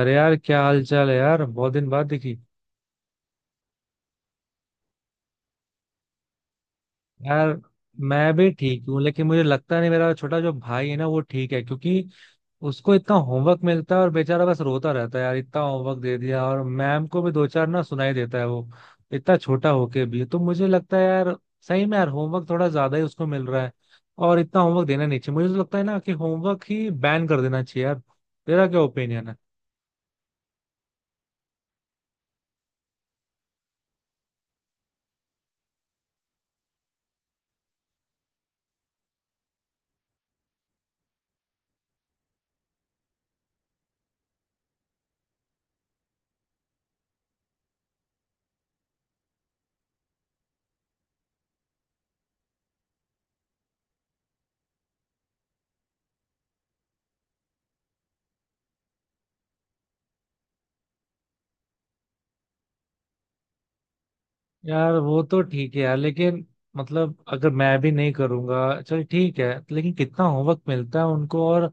अरे यार, क्या हाल चाल है यार? बहुत दिन बाद दिखी। यार मैं भी ठीक हूँ, लेकिन मुझे लगता नहीं मेरा छोटा जो भाई है ना वो ठीक है, क्योंकि उसको इतना होमवर्क मिलता है और बेचारा बस रोता रहता है। यार इतना होमवर्क दे दिया, और मैम को भी दो चार ना सुनाई देता है वो, इतना छोटा होके भी। तो मुझे लगता है यार, सही में यार होमवर्क थोड़ा ज्यादा ही उसको मिल रहा है, और इतना होमवर्क देना नहीं चाहिए। मुझे तो लगता है ना कि होमवर्क ही बैन कर देना चाहिए यार। तेरा क्या ओपिनियन है? यार वो तो ठीक है यार, लेकिन मतलब अगर मैं भी नहीं करूंगा, चल ठीक है, लेकिन कितना होमवर्क मिलता है उनको, और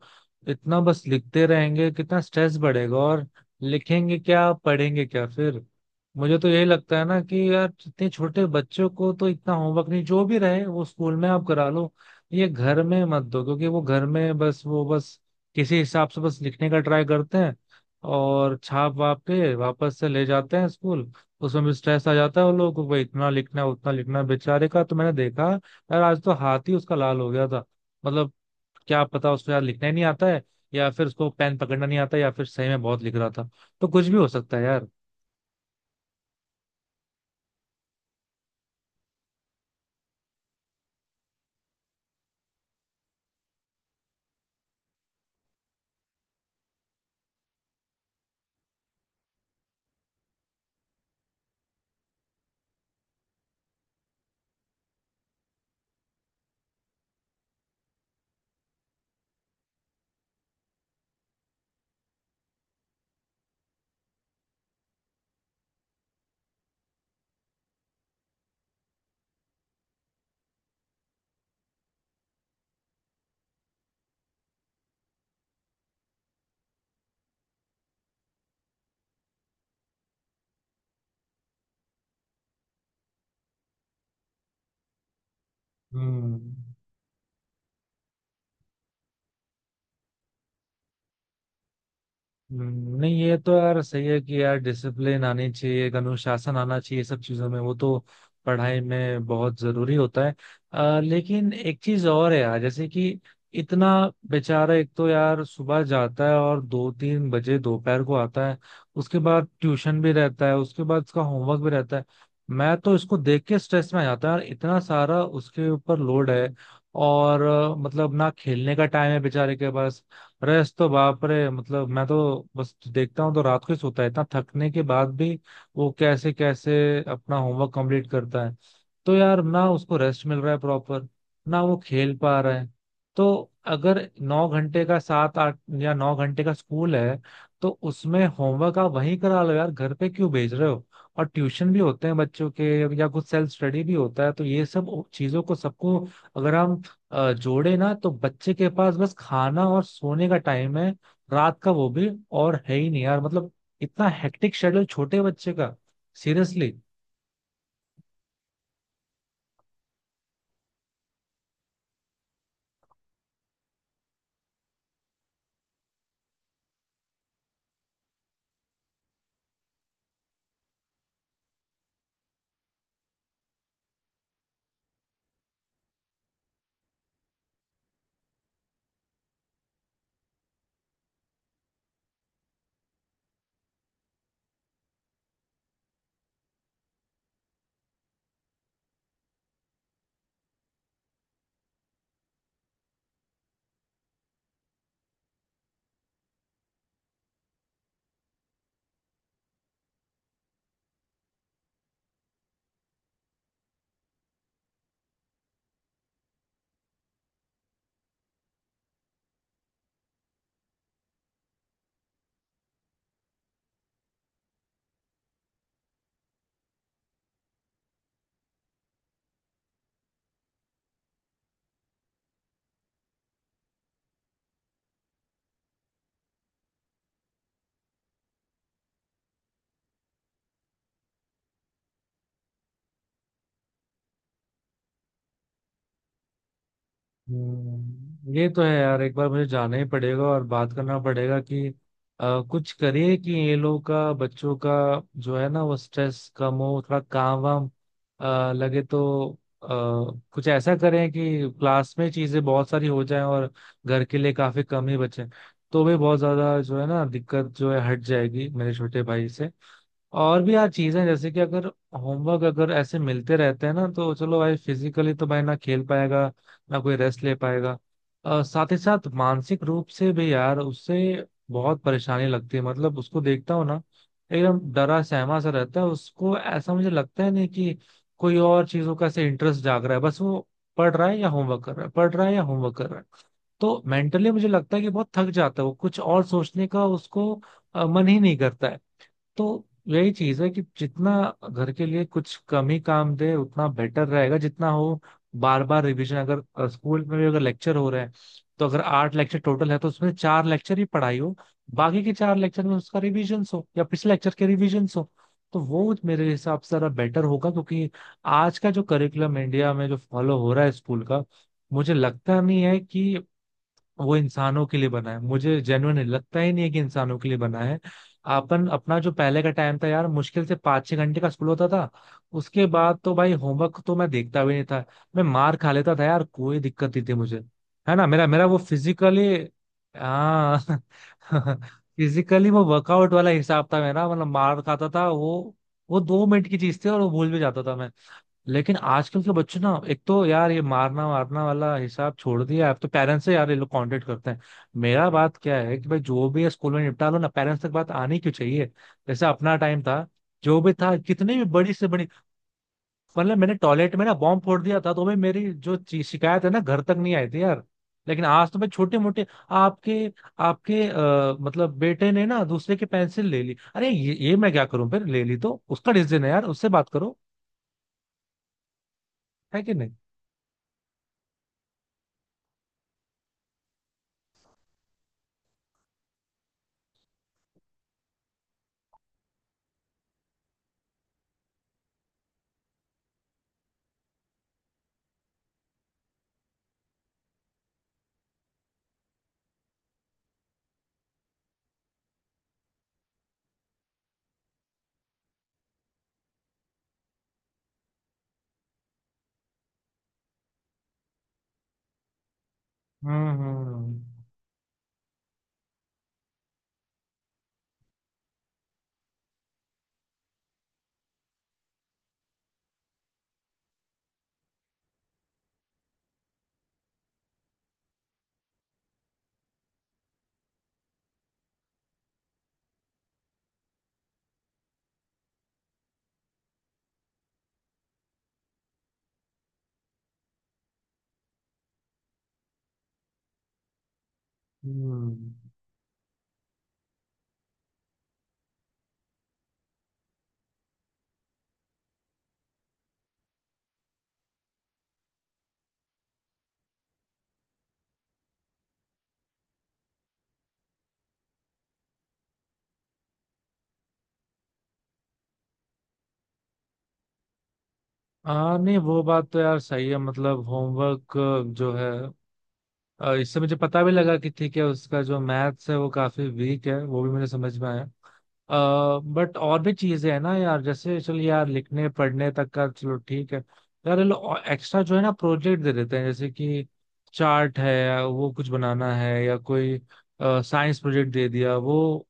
इतना बस लिखते रहेंगे, कितना स्ट्रेस बढ़ेगा, और लिखेंगे क्या, पढ़ेंगे क्या फिर? मुझे तो यही लगता है ना कि यार इतने छोटे बच्चों को तो इतना होमवर्क नहीं, जो भी रहे वो स्कूल में आप करा लो, ये घर में मत दो। क्योंकि वो घर में बस, वो बस किसी हिसाब से बस लिखने का ट्राई करते हैं, और छाप वाप के वापस से ले जाते हैं स्कूल। उसमें भी स्ट्रेस आ जाता है उन लोगों को, भाई इतना लिखना है उतना लिखना है। बेचारे का तो मैंने देखा यार, आज तो हाथ ही उसका लाल हो गया था। मतलब क्या पता उसको यार लिखना ही नहीं आता है, या फिर उसको पेन पकड़ना नहीं आता, या फिर सही में बहुत लिख रहा था। तो कुछ भी हो सकता है यार। हम्म। हम्म। नहीं, ये तो यार सही है कि यार डिसिप्लिन आनी चाहिए, एक अनुशासन आना चाहिए सब चीजों में, वो तो पढ़ाई में बहुत जरूरी होता है। लेकिन एक चीज और है यार, जैसे कि इतना बेचारा, एक तो यार सुबह जाता है और दो तीन बजे दोपहर को आता है, उसके बाद ट्यूशन भी रहता है, उसके बाद उसका होमवर्क भी रहता है। मैं तो इसको देख के स्ट्रेस में आ जाता है यार, इतना सारा उसके ऊपर लोड है, और मतलब ना खेलने का टाइम है बेचारे के पास। रेस्ट तो बाप रे, मतलब मैं तो बस देखता हूँ तो रात को ही सोता है, इतना थकने के बाद भी वो कैसे कैसे अपना होमवर्क कंप्लीट करता है। तो यार ना उसको रेस्ट मिल रहा है प्रॉपर, ना वो खेल पा रहा है। तो अगर नौ घंटे का, सात आठ या नौ घंटे का स्कूल है, तो उसमें होमवर्क आप वहीं करा लो यार, घर पे क्यों भेज रहे हो? और ट्यूशन भी होते हैं बच्चों के, या कुछ सेल्फ स्टडी भी होता है, तो ये सब चीजों को सबको अगर हम जोड़े ना, तो बच्चे के पास बस खाना और सोने का टाइम है रात का, वो भी और है ही नहीं यार। मतलब इतना हेक्टिक शेड्यूल छोटे बच्चे का, सीरियसली। हम्म। ये तो है यार, एक बार मुझे जाना ही पड़ेगा और बात करना पड़ेगा कि अ, कुछ करिए कि ये लोग का बच्चों का जो है ना वो स्ट्रेस कम हो, थोड़ा काम वाम लगे तो अ, कुछ ऐसा करें कि क्लास में चीजें बहुत सारी हो जाएं, और घर के लिए काफी कम ही बचे, तो भी बहुत ज्यादा जो है ना दिक्कत जो है हट जाएगी मेरे छोटे भाई से। और भी यार चीजें, जैसे कि अगर होमवर्क अगर ऐसे मिलते रहते हैं ना, तो चलो भाई फिजिकली तो भाई ना खेल पाएगा, ना कोई रेस्ट ले पाएगा। साथ ही साथ मानसिक रूप से भी यार उससे बहुत परेशानी लगती है, मतलब उसको देखता हूँ ना, एकदम डरा सहमा सा रहता है, उसको ऐसा मुझे लगता है, नहीं कि कोई और चीजों का ऐसे इंटरेस्ट जाग रहा है, बस वो पढ़ रहा है या होमवर्क कर रहा है, पढ़ रहा है या होमवर्क कर रहा है। तो मेंटली मुझे लगता है कि बहुत थक जाता है वो, कुछ और सोचने का उसको मन ही नहीं करता है। तो यही चीज है कि जितना घर के लिए कुछ कम ही काम दे उतना बेटर रहेगा, जितना हो बार बार रिवीजन, अगर स्कूल में भी अगर लेक्चर हो रहे हैं तो अगर आठ लेक्चर टोटल है, तो उसमें चार लेक्चर ही पढ़ाई हो, बाकी के चार लेक्चर में उसका रिवीजन हो या पिछले लेक्चर के रिवीजन हो। तो वो मेरे हिसाब से जरा बेटर होगा, क्योंकि आज का जो करिकुलम इंडिया में जो फॉलो हो रहा है स्कूल का, मुझे लगता नहीं है कि वो इंसानों के लिए बना है, मुझे जेन्युइन लगता ही नहीं है कि इंसानों के लिए बना है। अपन अपना जो पहले का टाइम था यार, मुश्किल से पाँच छह घंटे का स्कूल होता था। उसके बाद तो भाई होमवर्क तो मैं देखता भी नहीं था, मैं मार खा लेता था यार, कोई दिक्कत नहीं थी मुझे। है ना, मेरा मेरा वो फिजिकली, हाँ फिजिकली, वो वर्कआउट वाला हिसाब था मेरा, मतलब मार खाता था वो दो मिनट की चीज थी और वो भूल भी जाता था मैं। लेकिन आजकल के बच्चे ना, एक तो यार ये मारना मारना वाला हिसाब छोड़ दिया, अब तो पेरेंट्स से यार ये लोग कांटेक्ट करते हैं। मेरा बात क्या है कि भाई जो भी है स्कूल में निपटा लो ना, पेरेंट्स तक बात आनी क्यों चाहिए? जैसे अपना टाइम था, जो भी था, कितनी भी बड़ी से बड़ी, मतलब मैंने टॉयलेट में ना बॉम्ब फोड़ दिया था, तो भाई मेरी जो शिकायत है ना, घर तक नहीं आई थी यार। लेकिन आज तो मैं छोटे मोटे, आपके आपके आ, मतलब बेटे ने ना दूसरे की पेंसिल ले ली, अरे ये मैं क्या करूं, फिर ले ली तो उसका डिसीजन है यार, उससे बात करो। है कि नहीं? हम्म, हम्म, हम्म। हाँ नहीं, वो बात तो यार सही है, मतलब होमवर्क जो है, इससे मुझे पता भी लगा कि ठीक है, उसका जो मैथ्स है वो काफी वीक है, वो भी मुझे समझ में आया। बट और भी चीजें है ना यार, जैसे चलो यार लिखने पढ़ने तक का चलो ठीक है। यार ये लोग एक्स्ट्रा जो है ना प्रोजेक्ट दे देते हैं, जैसे कि चार्ट है वो कुछ बनाना है, या कोई साइंस प्रोजेक्ट दे दिया, वो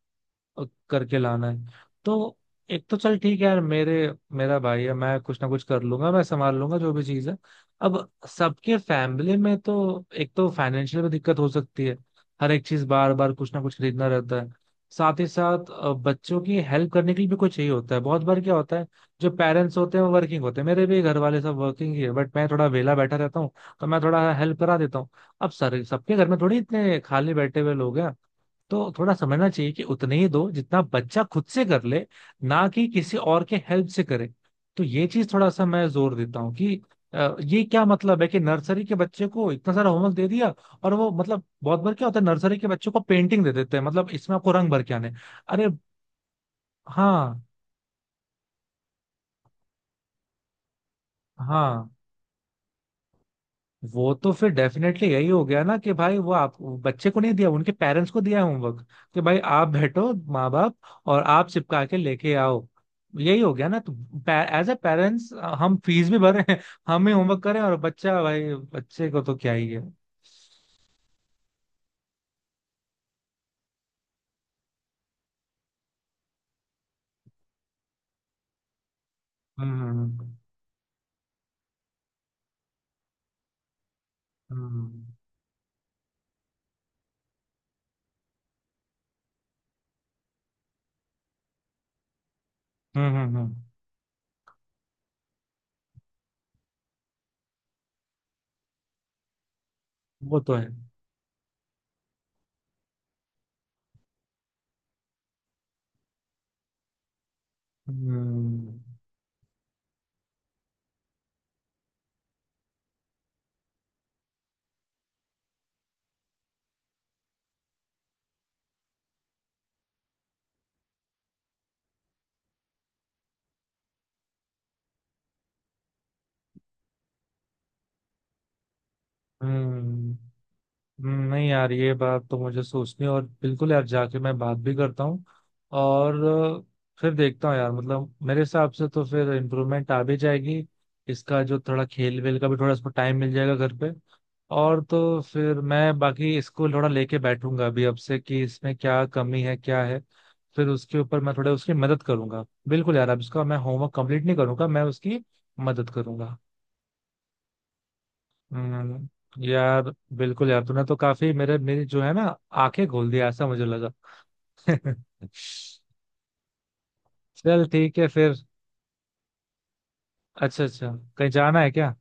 करके लाना है। तो एक तो चल ठीक है यार, मेरे मेरा भाई है, मैं कुछ ना कुछ कर लूंगा, मैं संभाल लूंगा जो भी चीज है। अब सबके फैमिली में तो एक तो फाइनेंशियल में दिक्कत हो सकती है, हर एक चीज बार बार कुछ ना कुछ खरीदना रहता है। साथ ही साथ बच्चों की हेल्प करने के लिए भी कुछ चाहिए होता है, बहुत बार क्या होता है जो पेरेंट्स होते हैं वो वर्किंग होते हैं, मेरे भी घर वाले सब वर्किंग ही है, बट मैं थोड़ा वेला बैठा रहता हूँ, तो मैं थोड़ा हेल्प करा देता हूँ। अब सर सबके घर में थोड़ी इतने खाली बैठे हुए लोग हैं, तो थोड़ा समझना चाहिए कि उतने ही दो जितना बच्चा खुद से कर ले, ना कि किसी और के हेल्प से करे। तो ये चीज थोड़ा सा मैं जोर देता हूँ कि ये क्या मतलब है कि नर्सरी के बच्चे को इतना सारा होमवर्क दे दिया, और वो, मतलब बहुत बार क्या होता है नर्सरी के बच्चों को पेंटिंग दे देते हैं, मतलब इसमें आपको रंग भर के आने। अरे। हाँ, हाँ, वो तो फिर डेफिनेटली यही हो गया ना कि भाई वो आप, वो बच्चे को नहीं दिया, उनके पेरेंट्स को दिया है होमवर्क, कि भाई आप बैठो माँ बाप, और आप चिपका के लेके आओ। यही हो गया ना, तो एज ए पेरेंट्स हम फीस भी भर रहे हैं, हम ही होमवर्क करें, और बच्चा, भाई बच्चे को तो क्या ही है। हम्म, हम्म, हम्म, हम्म, हम्म। वो तो है। हम्म, हम्म, हम्म। नहीं यार, ये बात तो मुझे सोचनी, और बिल्कुल यार जाके मैं बात भी करता हूँ, और फिर देखता हूँ यार। मतलब मेरे हिसाब से तो फिर इम्प्रूवमेंट आ भी जाएगी इसका, जो थोड़ा खेल वेल का भी थोड़ा इसको टाइम मिल जाएगा घर पे। और तो फिर मैं बाकी इसको थोड़ा लेके बैठूंगा अभी अब से, कि इसमें क्या कमी है क्या है, फिर उसके ऊपर मैं थोड़ा उसकी मदद करूंगा। बिल्कुल यार, अब इसका मैं होमवर्क कंप्लीट नहीं करूंगा, मैं उसकी मदद करूंगा। यार, बिल्कुल यार, तूने तो काफी मेरे मेरी जो है ना आंखें खोल दिया, ऐसा मुझे लगा। चल ठीक है फिर। अच्छा, अच्छा। कहीं जाना है क्या?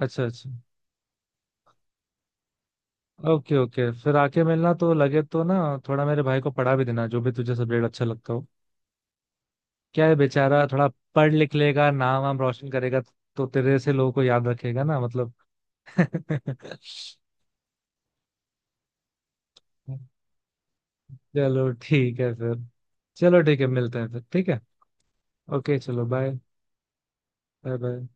अच्छा, अच्छा। ओके, ओके, फिर आके मिलना तो, लगे तो ना थोड़ा मेरे भाई को पढ़ा भी देना, जो भी तुझे सब्जेक्ट अच्छा लगता हो। क्या है बेचारा, थोड़ा पढ़ लिख लेगा, नाम वाम रोशन करेगा, तो तेरे से लोगों को याद रखेगा ना, मतलब। चलो ठीक है फिर। चलो ठीक है, मिलते हैं फिर, ठीक है। ओके चलो, बाय। Bye bye.